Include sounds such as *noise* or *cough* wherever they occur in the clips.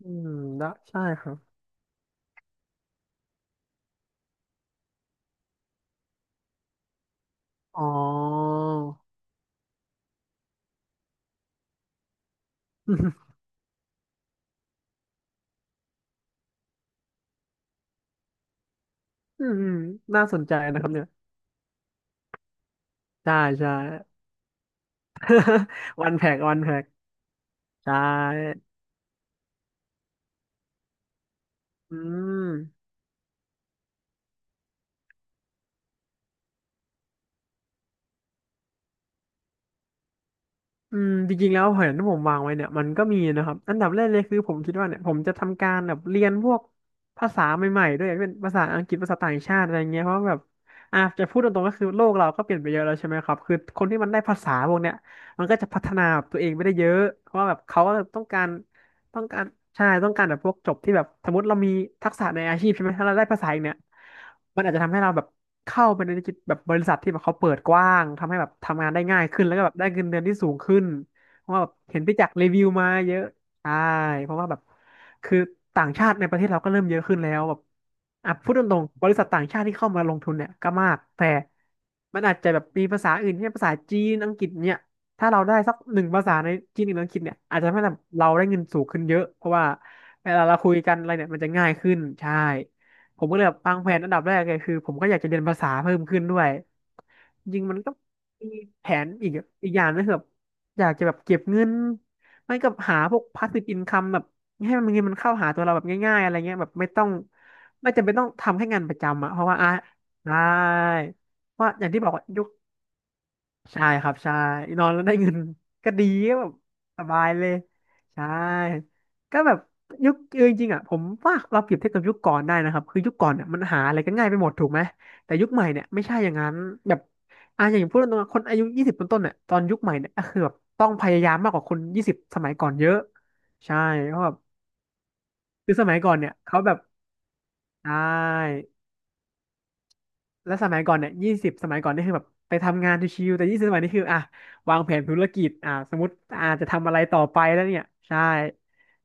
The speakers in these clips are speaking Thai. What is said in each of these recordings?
อืมได้ใช่ครับอ๋อ *laughs* อืมอืมน่าสนใจนะครับเนี่ยใช่ใช่ *laughs* วันแพ็กวันแพ็กใช่อืม อืมจริงๆแล้วแผนที่ผมวางไว้เนี่ยมันก็มีนะครับอันดับแรกเลยคือผมคิดว่าเนี่ยผมจะทำการแบบเรียนพวกภาษาใหม่ๆด้วยเป็นภาษาอังกฤษภาษาต่างชาติอะไรเงี้ยเพราะว่าแบบอ่ะจะพูดตรงๆก็คือโลกเราก็เปลี่ยนไปเยอะแล้วใช่ไหมครับคือคนที่มันได้ภาษาพวกเนี้ยมันก็จะพัฒนาตัวเองไปได้เยอะเพราะว่าแบบเขาก็ต้องการต้องการใช่ต้องการแบบพวกจบที่แบบสมมติเรามีทักษะในอาชีพใช่ไหมถ้าเราได้ภาษาอีกเนี่ย มันอาจจะทำให้เราแบบเข้าไปในจิตแบบบริษัทที่แบบเขาเปิดกว้างทำให้แบบทำงานได้ง่ายขึ้นแล้วก็แบบได้เงินเดือนที่สูงขึ้นเพราะว่าแบบเห็นพี่จักรีวิวมาเยอะใช่เพราะว่าแบบคือต่างชาติในประเทศเราก็เริ่มเยอะขึ้นแล้วแบบอ่ะพูดตรงๆบริษัทต่างชาติที่เข้ามาลงทุนเนี่ยก็มากแต่มันอาจจะแบบมีภาษาอื่นเช่นภาษาจีนอังกฤษเนี่ยถ้าเราได้สักหนึ่งภาษาในจีนหรืออังกฤษเนี่ยอาจจะทำให้เราได้เงินสูงขึ้นเยอะเพราะว่าเวลาเราคุยกันอะไรเนี่ยมันจะง่ายขึ้นใช่ ผมก็เลยแบบวางแผนอันดับแรกเลยคือผมก็อยากจะเรียนภาษาเพิ่มขึ้นด้วยจริงๆมันก็มีแผนอีกอย่างนึงคือแบบอยากจะแบบเก็บเงินไม่กับหาพวก passive income แบบให้มันเงินมันเข้าหาตัวเราแบบง่ายๆอะไรเงี้ยแบบไม่ต้องไม่จำเป็นต้องทำแค่งานประจำอะเพราะว่าอ่ะได้เพราะอย่างที่บอกว่ายุค ใช่ครับใช่นอนแล้วได้เงิน *laughs* ก็ดีก็แบบสบายเลยใช่ก็แบบยุคจริงๆอ่ะผมว่าเราเปรียบเทียบกับยุคก่อนได้นะครับคือยุคก่อนเนี่ยมันหาอะไรก็ง่ายไปหมดถูกไหมแต่ยุคใหม่เนี่ยไม่ใช่อย่างนั้นแบบอย่างพูดตรงๆคนอายุยี่สิบต้นๆเนี่ยตอนยุคใหม่เนี่ยก็คือแบบต้องพยายามมากกว่าคนยี่สิบสมัยก่อนเยอะใช่เพราะแบบคือสมัยก่อนเนี่ยเขาแบบใช่ แล้วสมัยก่อนเนี่ยยี่สิบสมัยก่อนนี่คือแบบไปทำงานชิวๆแต่ยี่สิบสมัยนี้คืออ่ะวางแผนธุรกิจอ่ะสมมติอาจจะทำอะไรต่อไปแล้วเนี่ยใช่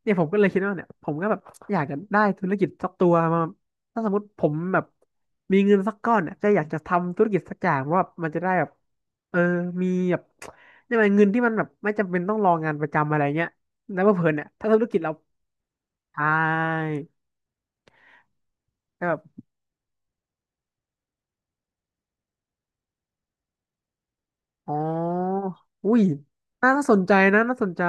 เนี่ยผมก็เลยคิดว่าเนี่ยผมก็แบบอยากจะได้ธุรกิจสักตัวมาถ้าสมมติผมแบบมีเงินสักก้อนเนี่ยจะอยากจะทำธุรกิจสักอย่างเพราะว่ามันจะได้แบบเออมีแบบเนี่ยกว่าเงินที่มันแบบไม่จำเป็นต้องรองานประจำอะไรเงี้ยแล้วเพื่อนเนี่ยถ้าธุรกิจเราใช่ก็แบบอ๋ออุ้ยน่าสนใจนะน่าสนใจ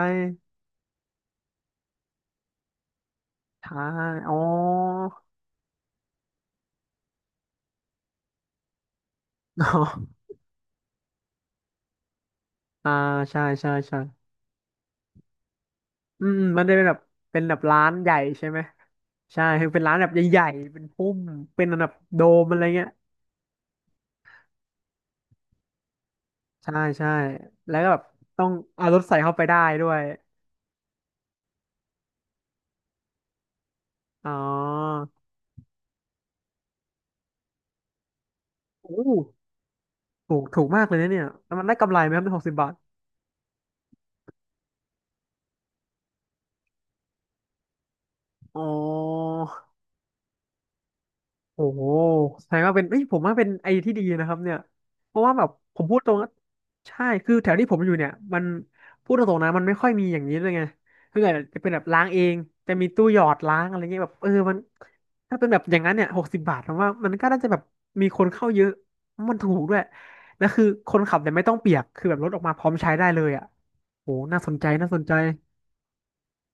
ใช่อ๋อ *laughs* อ๋ออ่าใช่ใช่ใช่อืมอืมมันได้เป็นแบบเป็นแบบร้านใหญ่ใช่ไหมใช่คือเป็นร้านแบบใหญ่ๆเป็นพุ่มเป็นแบบโดมอะไรเงี้ยใช่ใช่แล้วก็แบบต้องเอารถใส่เข้าไปได้ด้วยอ๋อโอ้ถูกถูกมากเลยนะเนี่ยแล้วมันได้กำไรไหมครับหกสิบบาทอ๋อ โอ้โหแสดงว่าเป็นเอ้ยผมว่าเป็นไอเดียที่ดีนะครับเนี่ยเพราะว่าแบบผมพูดตรงนะใช่คือแถวที่ผมอยู่เนี่ยมันพูดตรงๆนะมันไม่ค่อยมีอย่างนี้เลยไงคืออาจจะเป็นแบบล้างเองจะมีตู้หยอดล้างอะไรเงี้ยแบบมันถ้าเป็นแบบอย่างนั้นเนี่ยหกสิบบาทผมว่ามันก็น่าจะแบบมีคนเข้าเยอะมันถูกด้วยแล้วคือคนขับเนี่ยไม่ต้องเปียกคือแบบรถออกมาพร้อมใช้ได้เลยอ่ะโอ้โหน่าสนใจน่าสนใจ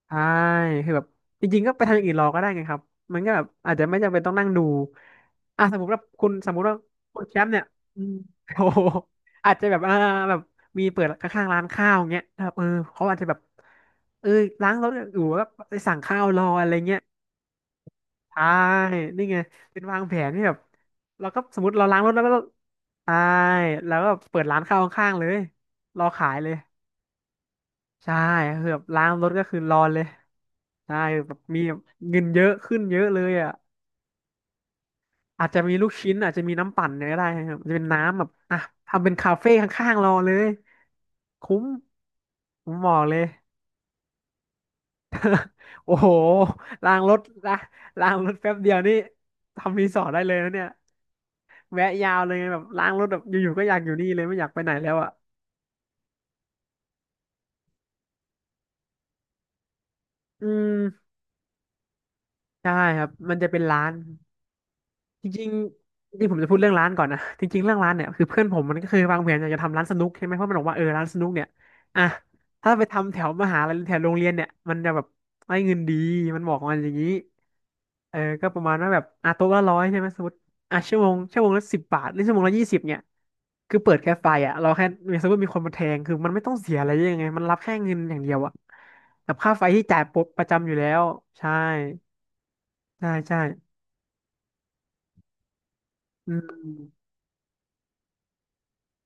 ใช่คือแบบจริงๆก็ไปทำอย่างอื่นรอก็ได้ไงครับมันก็แบบอาจจะไม่จำเป็นต้องนั่งดูอ่ะสมมติว่าคุณสมมติว่าคุณแชมป์เนี่ยอืม *laughs* โอ้โหอาจจะแบบแบบมีเปิดข้างๆร้านข้าวอย่างเงี้ยแบบเขาอาจจะแบบเออล้างรถอยู่แล้วก็ไปสั่งข้าวรออะไรเงี้ยใช่นี่ไงเป็นวางแผนที่แบบเราก็สมมติเราล้างรถแล้วก็ใช่แล้วก็เปิดร้านข้าวข้างๆเลยรอขายเลย ใช่คือแบบล้างรถก็คือรอนเลยใช่แบบมีแบบเงินเยอะขึ้นเยอะเลยอ่ะอาจจะมีลูกชิ้นอาจจะมีน้ำปั่นเนี่ยก็ได้ครับจะเป็นน้ำแบบอ่ะทำเป็นคาเฟ่ข้างๆเราเลยคุ้มผมบอกเลยโอ้โหล้างรถละล้างรถแป๊บเดียวนี่ทำรีสอร์ทได้เลยนะเนี่ยแวะยาวเลยไงแบบล้างรถแบบอยู่ๆก็อยากอยู่นี่เลยไม่อยากไปไหนแล้วอ่ะอืมใช่ครับมันจะเป็นร้าน จริงๆจริงๆผมจะพูดเรื่องร้านก่อนนะจริงๆเรื่องร้านเนี่ยคือเพื่อนผมมันก็เคยวางแผนอยากจะทำร้านสนุกใช่ไหมเพราะมันบอกว่าเออร้านสนุกเนี่ยอ่ะถ้าไปทำแถวมหาลัยหรือแถวโรงเรียนเนี่ยมันจะแบบได้เงินดีมันบอกมันอย่างนี้เออก็ประมาณว่าแบบอ่ะโต๊ะละ100ใช่ไหมสมมติอ่ะชั่วโมงละ10 บาทหรือชั่วโมงละ20เนี่ยคือเปิดแค่ไฟอ่ะเราแค่มีสมมติมีคนมาแทงคือมันไม่ต้องเสียอะไรเยอะยังไงมันรับแค่เงินอย่างเดียวอ่ะกับค่าไฟที่จ่ายปกประจำอยู่แล้วใช่ใช่ใช่อื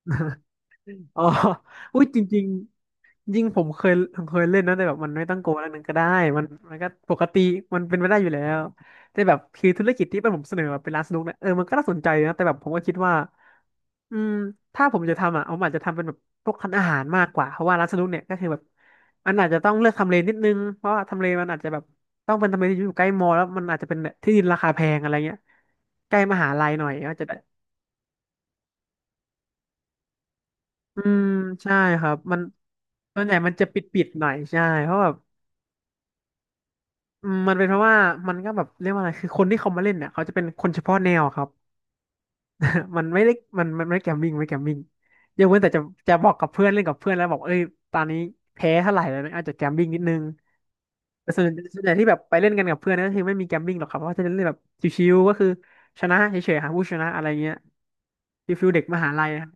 ม อ๋อ *laughs* อุ้ยจริงๆจริงผมเคยเล่นนะแต่แบบมันไม่ต้องโกงแล้วนึงก็ได้มันมันก็ปกติมันเป็นไปได้อยู่แล้วแต่แบบคือธุรกิจที่เป็นผมเสนอแบบเป็นร้านสนุกเนี่ยเออมันก็น่าสนใจนะแต่แบบผมก็คิดว่าอืมถ้าผมจะทำอ่ะผมอาจจะทำเป็นแบบพวกคันอาหารมากกว่าเพราะว่าร้านสนุกเนี่ยก็คือแบบมันอาจจะต้องเลือกทำเลนิดนึงเพราะว่าทำเลมันอาจจะแบบต้องเป็นทำเลที่อยู่ใกล้มอลล์แล้วมันอาจจะเป็นที่ดินราคาแพงอะไรเงี้ยใกล้มหาลัยหน่อยก็จะ อืมใช่ครับมันส่วนใหญ่มันจะปิดปิดหน่อยใช่เพราะแบบอืมมันเป็นเพราะว่ามันก็แบบเรียกว่าอะไรคือคนที่เขามาเล่นเนี่ยเขาจะเป็นคนเฉพาะแนวครับ *laughs* มันไม่ได้มันไม่แกมมิ่งไม่แกมมิ่งยกเว้นแต่จะจะบอกกับเพื่อนเล่นกับเพื่อนแล้วบอกเอ้ยตอนนี้แพ้เท่าไหร่แล้วนะอาจจะแกมมิ่งนิดนึงแต่ส่วนใหญ่ที่แบบไปเล่นกันกับเพื่อนก็คือไม่มีแกมมิ่งหรอกครับเพราะว่าจะเล่นแบบชิวๆก็คือชนะเฉยๆหาผู้ชนะอะไรเงี้ยฟิลเด็กมหาลัยอะ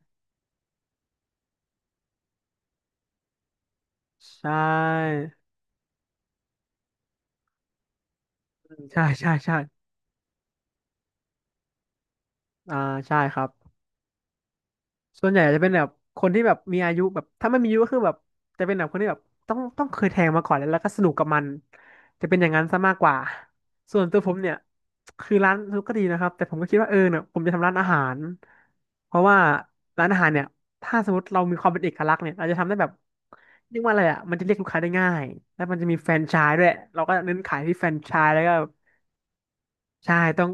ใช่ใช่ใช่ใช่อ่าใช่ครับ ส่วนใหญ่จะเป็นแบบคนที่แบบมีอายุแบบถ้าไม่มีอายุก็คือแบบจะเป็นแบบคนที่แบบต้องเคยแทงมาก่อนแล้วแล้วก็สนุกกับมันจะเป็นอย่างนั้นซะมากกว่าส่วนตัวผมเนี่ยคือร้านซุปก็ดีนะครับแต่ผมก็คิดว่าเออเนี่ยผมจะทำร้านอาหารเพราะว่าร้านอาหารเนี่ยถ้าสมมติเรามีความเป็นเอกลักษณ์เนี่ยเราจะทำได้แบบเรียกว่าอะไรอ่ะมันจะเรียกลูกค้าได้ง่ายแล้วมันจะมีแฟรนไชส์ด้วยเราก็เน้นขายที่แฟรนไชส์แล้วก็ใช่ต้อง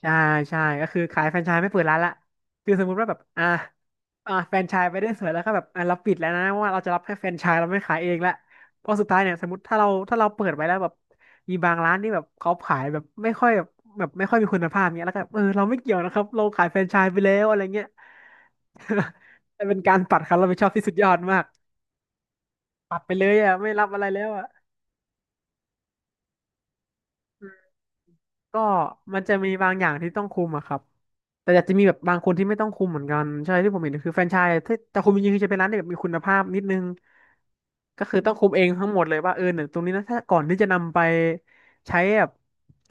ใช่ใช่ก็คือขายแฟรนไชส์ไม่เปิดร้านละคือสมมุติว่าแบบอ่าอ่าแฟรนไชส์ไปได้สวยแล้วก็แบบอ่าเราปิดแล้วนะว่าเราจะรับแค่แฟรนไชส์เราไม่ขายเองละเพราะสุดท้ายเนี่ยสมมติถ้าเราเปิดไว้แล้วแบบมีบางร้านที่แบบเขาขายแบบไม่ค่อยแบบแบบไม่ค่อยมีคุณภาพเนี้ยแล้วก็เออเราไม่เกี่ยวนะครับเราขายแฟรนไชส์ไปแล้วอะไรเงี้ย *laughs* แต่เป็นการปัดความรับผิดชอบที่สุดยอดมากปัดไปเลยอ่ะไม่รับอะไรแล้วอ่ะอืมก็มันจะมีบางอย่างที่ต้องคุมอะครับ แต่อาจจะมีแบบบางคนที่ไม่ต้องคุมเหมือนกันใช่ที่ผมเห็นคือแฟรนไชส์ถ้าจคุมจริงๆคือจะเป็นร้านที่แบบมีคุณภาพนิดนึงก็คือต้องคุมเองทั้งหมดเลยว่าเออเนี่ยตรงนี้นะถ้าก่อนที่จะนำไปใช้แบบ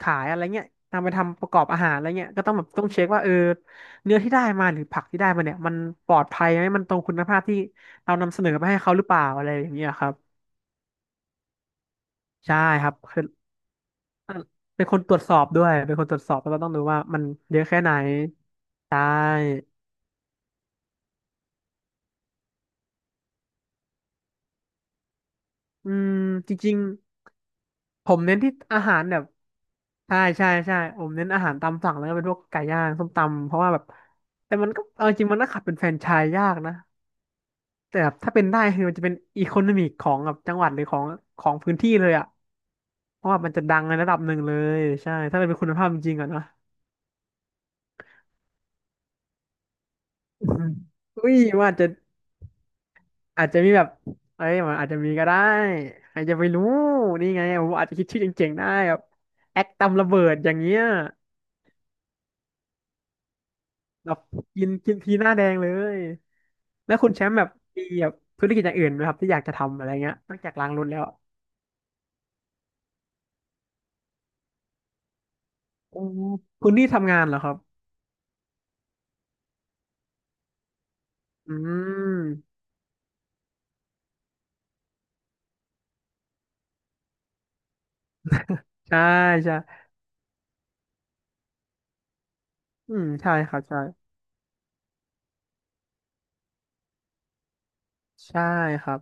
ขายอะไรเงี้ยนำไปทำประกอบอาหารอะไรเงี้ยก็ต้องแบบต้องเช็คว่าเออเนื้อที่ได้มาหรือผักที่ได้มาเนี่ยมันปลอดภัยไหมมันตรงคุณภาพที่เรานำเสนอไปให้เขาหรือเปล่าอะไรอย่างเงี้ยครับใช่ครับคือเป็นคนตรวจสอบด้วยเป็นคนตรวจสอบแล้วก็ต้องดูว่ามันเยอะแค่ไหนใช่อืมจริง ผมเน้นที่อาหารแบบใช่ใช่ใช่ผมเน้นอาหารตามสั่งแล้วก็เป็นพวกไก่ย่างส้มตำเพราะว่าแบบแต่มันก็เอาจริงมันก็ขัดเป็นแฟรนไชส์ยากนะแต่แบบถ้าเป็นได้คือมันจะเป็นอีโคโนมิกของแบบจังหวัดหรือของของพื้นที่เลยอ่ะเพราะว่ามันจะดังในระดับหนึ่งเลยใช่ถ้าเป็นคุณภาพจริงๆอ่ะนะ *laughs* อืมอุ้ยว่าจะอาจจะมีแบบเอ้ยมันอาจจะมีก็ได้ใครจะไปรู้นี่ไงผมอาจจะคิดชื่อเจ๋งๆได้แบบแอคตำระเบิดอย่างเงี้ยแบบกินกินทีหน้าแดงเลย แล้วคุณแชมป์แบบมีแบบธุรกิจอย่างอื่นไหมครับที่อยากจะทำอะไรเงี้ยนอกจากล้างรถแล้วโอ้คุณนี่ทำงานเหรอครับอืมใช่ใช่อืมใช่ครับใช่ใช่ครับ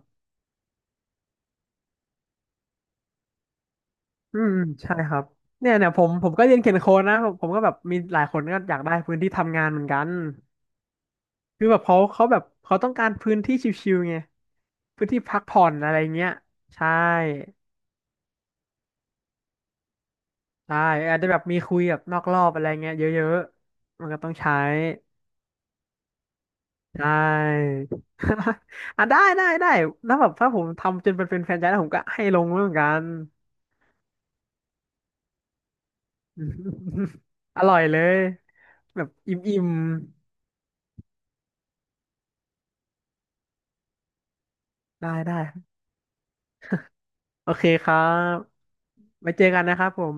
อืมใช่ครับเนี่ยผมก็เรียนเขียนโค้ดนะผมก็แบบมีหลายคนก็อยากได้พื้นที่ทำงานเหมือนกันคือแบบเขาแบบเขาต้องการพื้นที่ชิลๆไงพื้นที่พักผ่อนอะไรเงี้ยใช่ใช่อาจจะแบบมีคุยแบบนอกรอบอะไรเงี้ยเยอะๆมันก็ต้องใช้ ใช่ *laughs* อ่ะได้ได้ได้แล้วแบบถ้าผมทำจนเป็นแฟนใจแล้วผมก็ให้ลงด้วยเหมือนกัน *laughs* อมอร่อยเลยแบบอิ่มๆ ได้ได้ โอเคครับไว้เจอกันนะครับผม